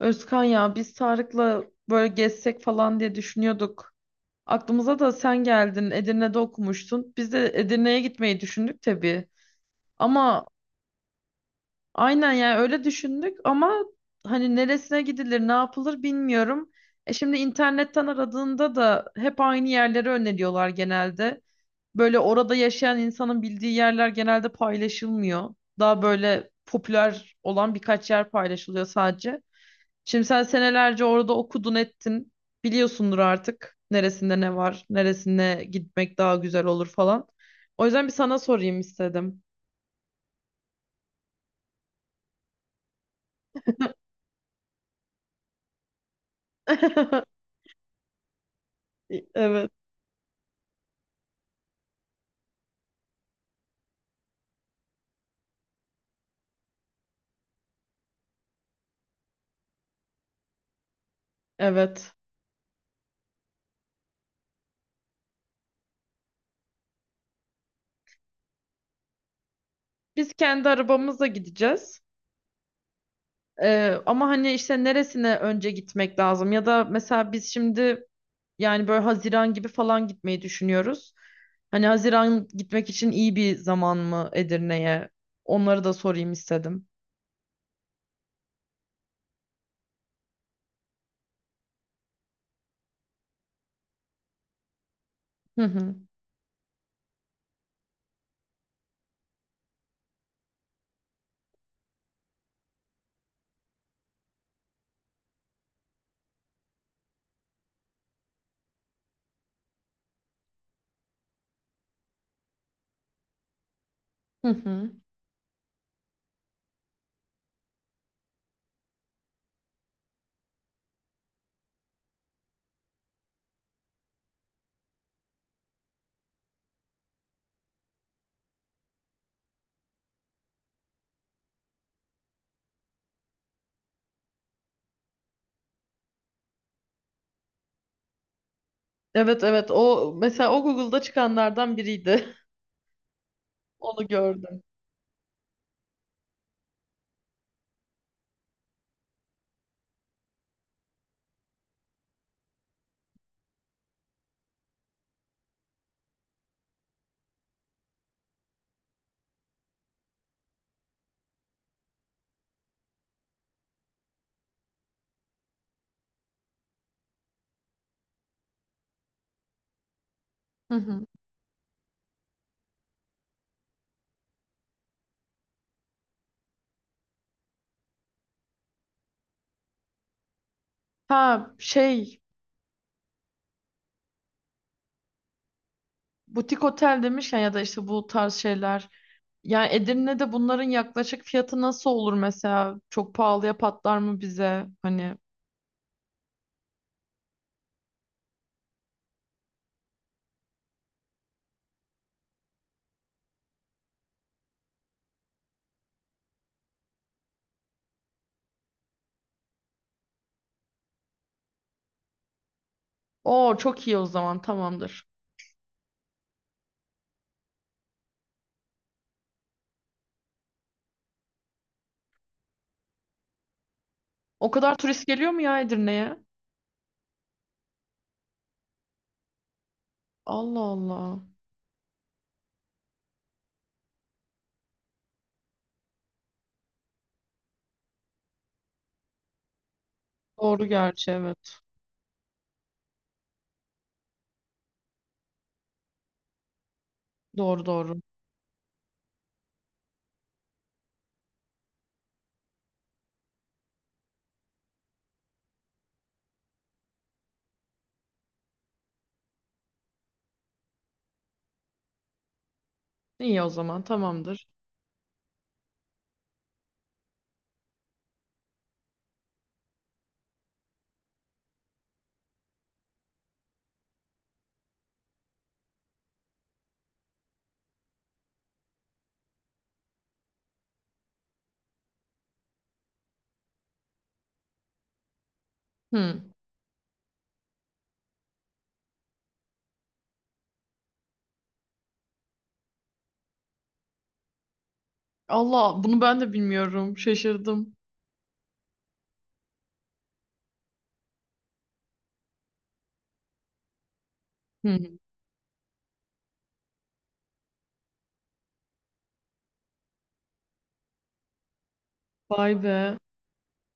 Özkan ya biz Tarık'la böyle gezsek falan diye düşünüyorduk. Aklımıza da sen geldin. Edirne'de okumuştun. Biz de Edirne'ye gitmeyi düşündük tabii. Ama aynen yani öyle düşündük ama hani neresine gidilir, ne yapılır bilmiyorum. E şimdi internetten aradığında da hep aynı yerleri öneriyorlar genelde. Böyle orada yaşayan insanın bildiği yerler genelde paylaşılmıyor. Daha böyle popüler olan birkaç yer paylaşılıyor sadece. Şimdi sen senelerce orada okudun ettin. Biliyorsundur artık neresinde ne var, neresine gitmek daha güzel olur falan. O yüzden bir sana sorayım istedim. Evet, evet. Biz kendi arabamızla gideceğiz. Ama hani işte neresine önce gitmek lazım? Ya da mesela biz şimdi yani böyle Haziran gibi falan gitmeyi düşünüyoruz. Hani Haziran gitmek için iyi bir zaman mı Edirne'ye? Onları da sorayım istedim. Hı hı. Hı hı. Evet evet, o mesela o Google'da çıkanlardan biriydi. Onu gördüm. Hı hı. Ha şey Butik otel demişken ya da işte bu tarz şeyler. Yani Edirne'de bunların yaklaşık fiyatı nasıl olur mesela? Çok pahalıya patlar mı bize? Hani o çok iyi, o zaman tamamdır. O kadar turist geliyor mu ya Edirne'ye? Allah Allah. Doğru gerçi, evet. Doğru doğru. İyi, o zaman tamamdır. Hı. Allah, bunu ben de bilmiyorum. Şaşırdım. Hı. Vay be.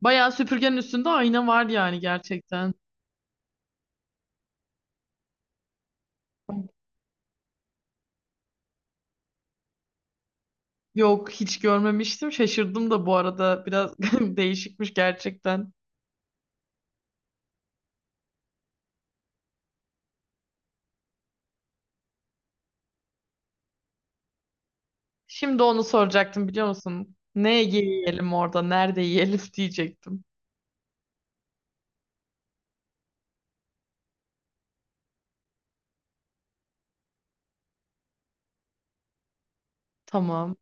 Bayağı süpürgenin üstünde ayna var yani gerçekten. Yok, hiç görmemiştim. Şaşırdım da bu arada. Biraz değişikmiş gerçekten. Şimdi onu soracaktım, biliyor musun? Ne yiyelim orada? Nerede yiyelim diyecektim. Tamam.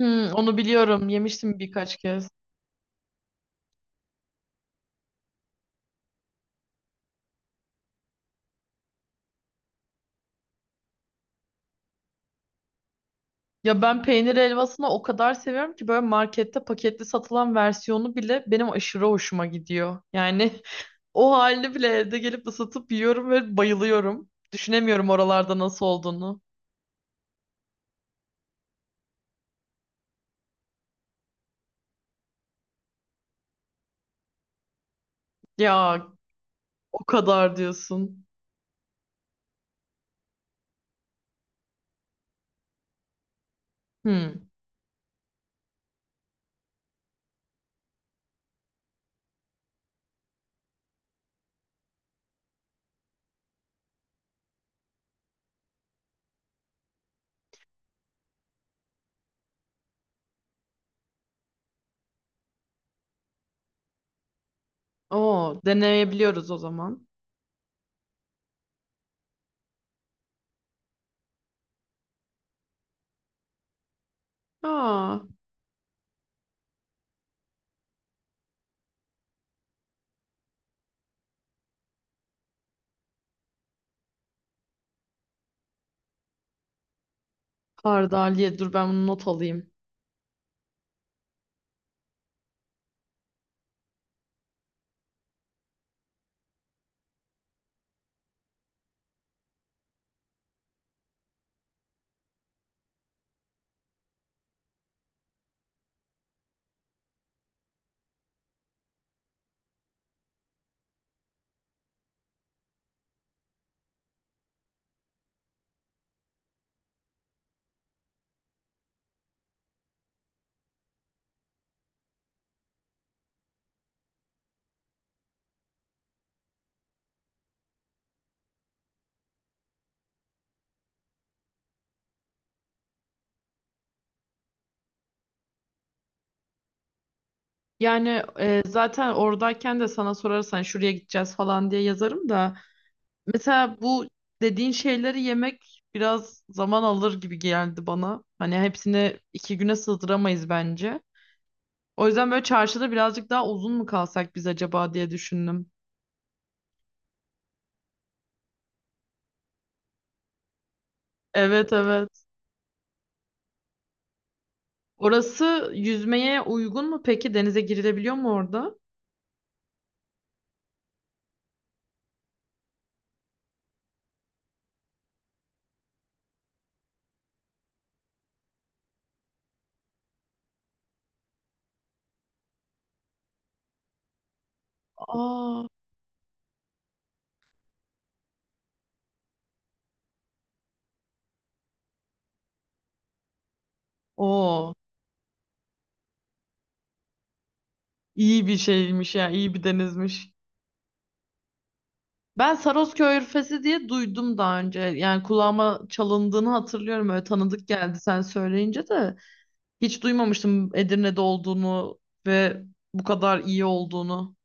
Hmm, Onu biliyorum. Yemiştim birkaç kez. Ya ben peynir helvasını o kadar seviyorum ki böyle markette paketli satılan versiyonu bile benim aşırı hoşuma gidiyor. Yani o halini bile evde gelip ısıtıp yiyorum ve bayılıyorum. Düşünemiyorum oralarda nasıl olduğunu. Ya o kadar diyorsun. Hmm. Oo, deneyebiliyoruz o zaman. Aa, Hardaliye, dur ben bunu not alayım. Yani zaten oradayken de sana sorarsan şuraya gideceğiz falan diye yazarım da. Mesela bu dediğin şeyleri yemek biraz zaman alır gibi geldi bana. Hani hepsini 2 güne sığdıramayız bence. O yüzden böyle çarşıda birazcık daha uzun mu kalsak biz acaba diye düşündüm. Evet evet. Orası yüzmeye uygun mu peki? Denize girilebiliyor mu orada? Aa, o iyi bir şeymiş ya, iyi bir denizmiş. Ben Sarosköy Körfezi diye duydum daha önce. Yani kulağıma çalındığını hatırlıyorum. Öyle tanıdık geldi sen söyleyince de. Hiç duymamıştım Edirne'de olduğunu ve bu kadar iyi olduğunu.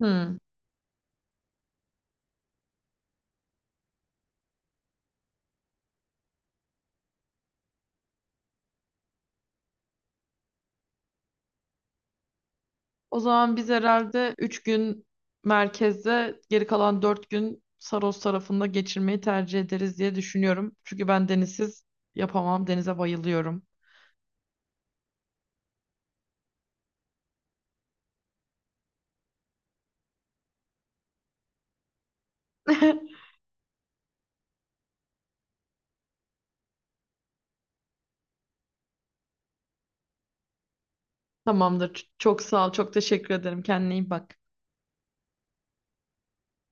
Hmm. O zaman biz herhalde 3 gün merkezde, geri kalan 4 gün Saros tarafında geçirmeyi tercih ederiz diye düşünüyorum. Çünkü ben denizsiz yapamam. Denize bayılıyorum. Tamamdır. Çok sağ ol. Çok teşekkür ederim. Kendine iyi bak.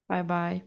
Bay bay.